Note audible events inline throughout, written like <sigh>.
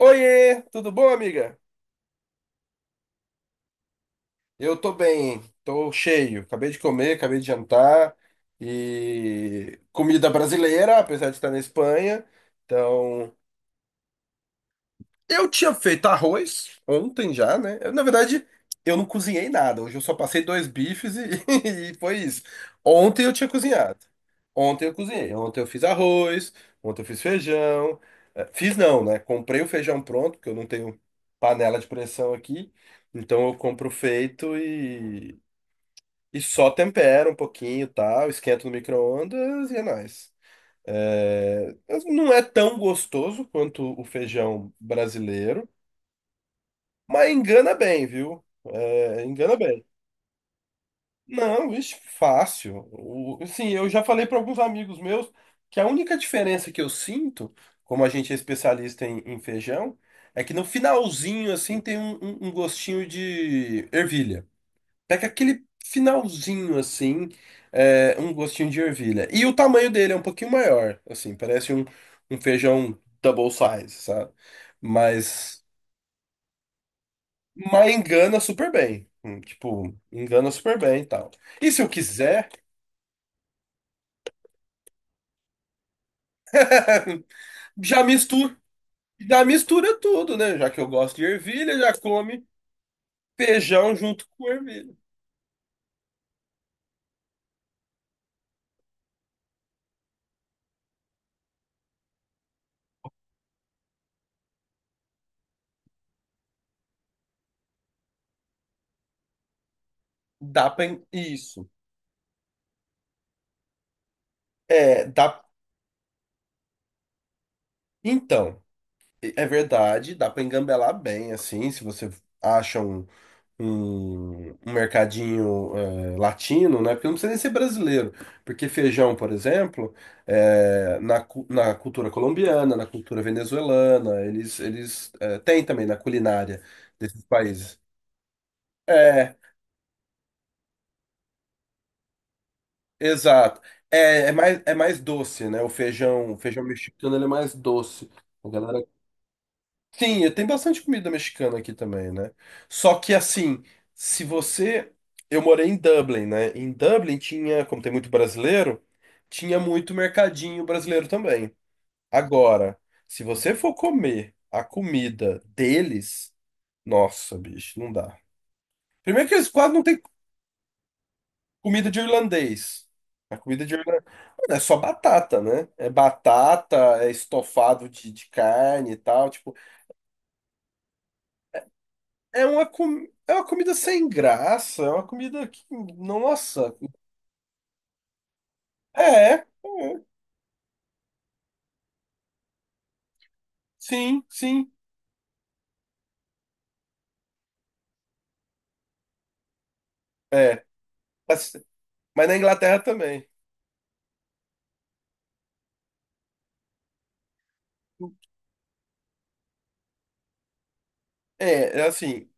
Oiê, tudo bom, amiga? Eu tô bem, tô cheio. Acabei de comer, acabei de jantar e comida brasileira, apesar de estar na Espanha. Então, eu tinha feito arroz ontem já, né? Eu, na verdade, eu não cozinhei nada. Hoje eu só passei dois bifes e, <laughs> e foi isso. Ontem eu tinha cozinhado. Ontem eu cozinhei. Ontem eu fiz arroz, ontem eu fiz feijão. Fiz não, né? Comprei o feijão pronto, porque eu não tenho panela de pressão aqui. Então eu compro feito e só tempero um pouquinho, e tal, esquento no micro-ondas e é nóis. Mas não é tão gostoso quanto o feijão brasileiro. Mas engana bem, viu? É, engana bem. Não, vixe, fácil. O, assim, eu já falei para alguns amigos meus que a única diferença que eu sinto, como a gente é especialista em feijão, é que no finalzinho, assim, tem um, um gostinho de ervilha. Pega aquele finalzinho, assim, é, um gostinho de ervilha. E o tamanho dele é um pouquinho maior, assim, parece um, um feijão double size, sabe? Mas. Mas engana super bem. Tipo, engana super bem e tal. E se eu quiser, <laughs> já mistura, já mistura tudo, né? Já que eu gosto de ervilha, já come feijão junto com ervilha. Isso. É, dá... Então, é verdade, dá pra engambelar bem, assim, se você acha um em um mercadinho latino, né? Porque não precisa nem ser brasileiro, porque feijão, por exemplo, na cultura colombiana, na cultura venezuelana, eles têm também na culinária desses países. É, exato. É, é mais doce, né? O feijão mexicano, ele é mais doce. A galera sim, e tem bastante comida mexicana aqui também, né? Só que assim, se você. Eu morei em Dublin, né? Em Dublin tinha, como tem muito brasileiro, tinha muito mercadinho brasileiro também. Agora, se você for comer a comida deles, nossa, bicho, não dá. Primeiro que eles quase não têm comida de irlandês. A comida de irlandês é só batata, né? É batata, é estofado de carne e tal. Tipo, é é uma comida sem graça, é uma comida que. Nossa! É, é. Sim, sim. É. Mas mas na Inglaterra também. É, é assim.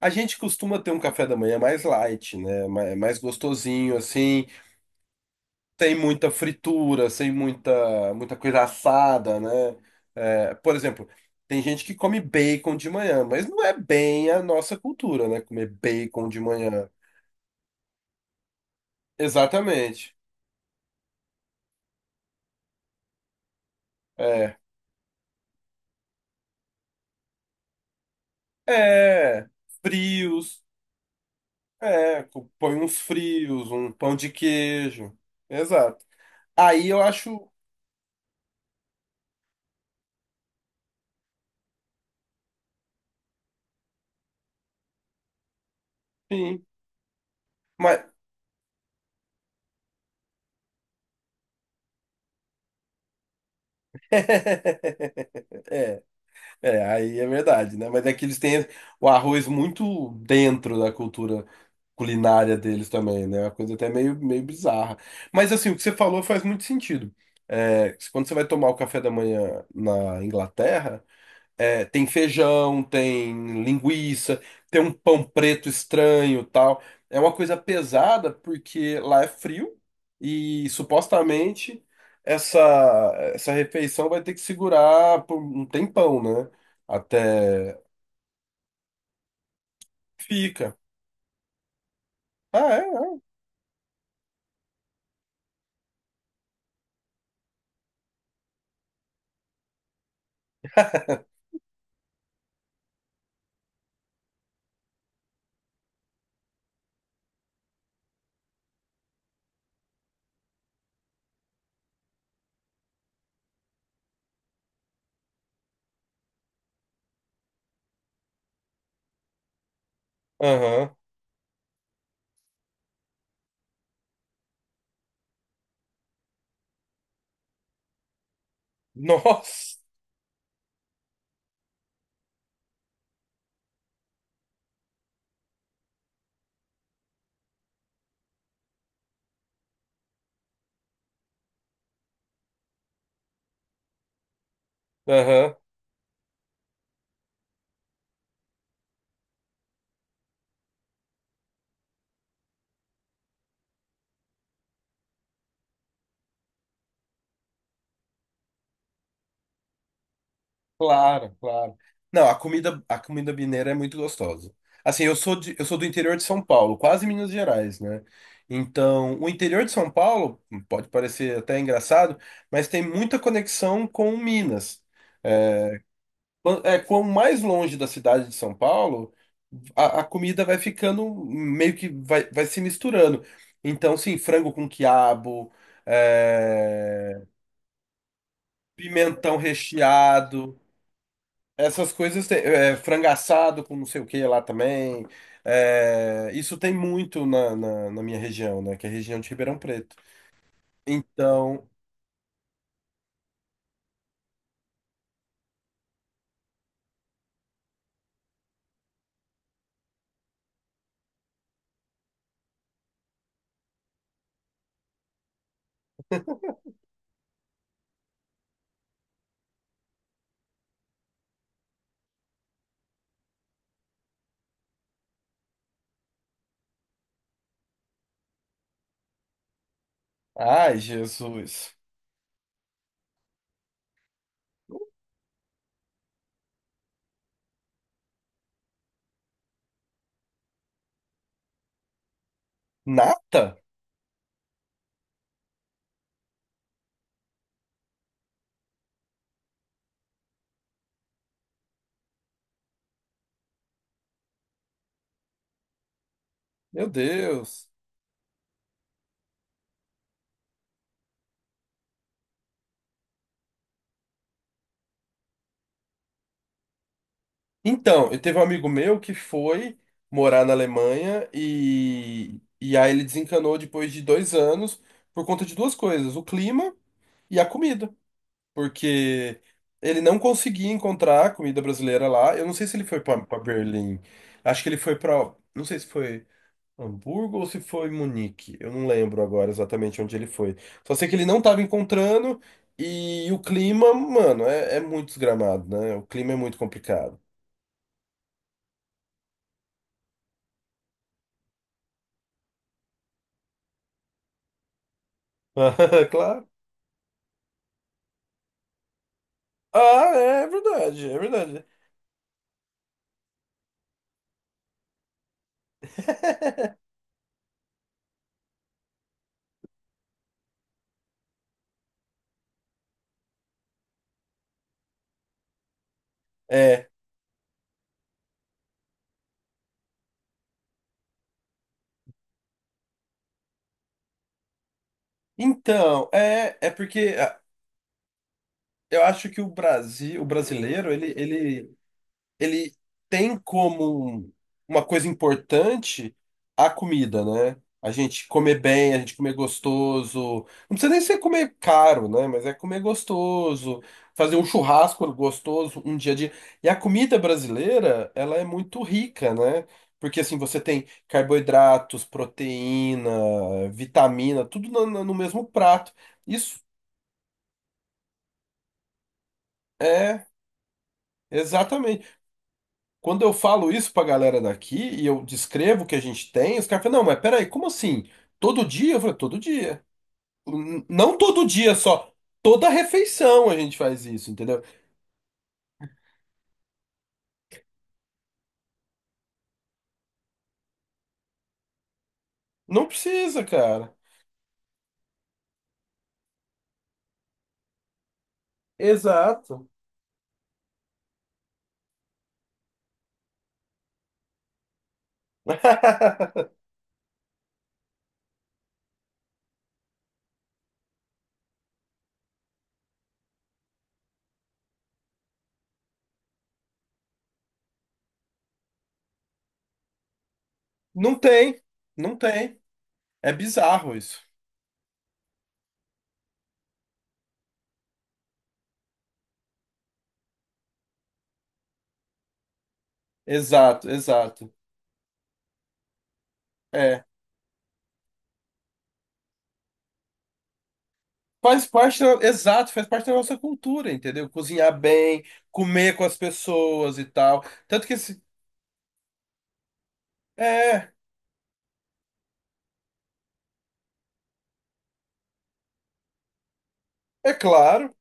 A gente costuma ter um café da manhã mais light, né? Mais gostosinho, assim. Sem muita fritura, sem muita, muita coisa assada, né? É, por exemplo, tem gente que come bacon de manhã, mas não é bem a nossa cultura, né? Comer bacon de manhã. Exatamente. É. É, frios, põe uns frios, um pão de queijo. Exato. Aí eu acho, sim, mas <laughs> é, aí é verdade, né? Mas é que eles têm o arroz muito dentro da cultura culinária deles também, né? É uma coisa até meio, meio bizarra. Mas assim, o que você falou faz muito sentido. É, quando você vai tomar o café da manhã na Inglaterra, é, tem feijão, tem linguiça, tem um pão preto estranho, tal. É uma coisa pesada porque lá é frio e supostamente essa essa refeição vai ter que segurar por um tempão, né? Até fica. Ah, é? Aham. <laughs> Nossa. Aham. Claro, claro. Não, a comida mineira é muito gostosa. Assim, eu sou de, eu sou do interior de São Paulo, quase Minas Gerais, né? Então, o interior de São Paulo pode parecer até engraçado, mas tem muita conexão com Minas. É, quanto mais longe da cidade de São Paulo, a comida vai ficando meio que vai, vai se misturando. Então, sim, frango com quiabo, é, pimentão recheado. Essas coisas tem, é, frango assado com não sei o que lá também. É, isso tem muito na, na minha região, né? Que é a região de Ribeirão Preto. Então, ai, Jesus. Nata? Meu Deus. Então, eu teve um amigo meu que foi morar na Alemanha e aí ele desencanou depois de dois anos por conta de duas coisas: o clima e a comida, porque ele não conseguia encontrar comida brasileira lá. Eu não sei se ele foi pra Berlim. Acho que ele foi pra, não sei se foi Hamburgo ou se foi Munique. Eu não lembro agora exatamente onde ele foi. Só sei que ele não estava encontrando e o clima, mano, é, é muito desgramado, né? O clima é muito complicado. <laughs> Claro. Ah, é verdade, é verdade. <laughs> É. Então, é, é porque eu acho que o Brasil, o brasileiro, ele tem como uma coisa importante a comida, né? A gente comer bem, a gente comer gostoso. Não precisa nem ser comer caro, né? Mas é comer gostoso, fazer um churrasco gostoso, um dia a dia. E a comida brasileira, ela é muito rica, né? Porque assim, você tem carboidratos, proteína, vitamina, tudo no, no mesmo prato. Isso é exatamente. Quando eu falo isso pra galera daqui e eu descrevo o que a gente tem, os caras falam, não, mas peraí, como assim? Todo dia? Eu falei, todo dia. Não todo dia só. Toda refeição a gente faz isso, entendeu? Não precisa, cara. Exato. <laughs> Não tem, não tem. É bizarro isso. Exato, exato. É. Faz parte, exato, faz parte da nossa cultura, entendeu? Cozinhar bem, comer com as pessoas e tal. Tanto que esse, é, é claro,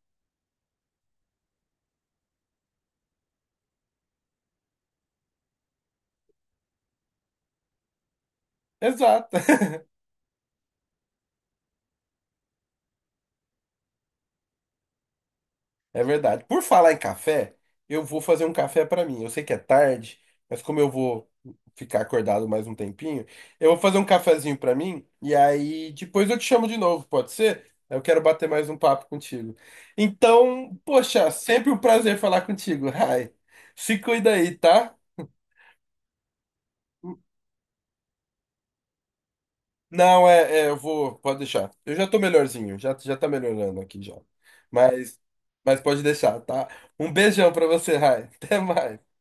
exato. É verdade. Por falar em café, eu vou fazer um café pra mim. Eu sei que é tarde, mas como eu vou ficar acordado mais um tempinho, eu vou fazer um cafezinho pra mim e aí depois eu te chamo de novo, pode ser? Eu quero bater mais um papo contigo. Então, poxa, sempre um prazer falar contigo. Rai, se cuida aí, tá? Não, é, é, eu vou, pode deixar. Eu já tô melhorzinho, já, já tá melhorando aqui já. Mas, mas pode deixar, tá? Um beijão pra você, Rai. <laughs> Até mais.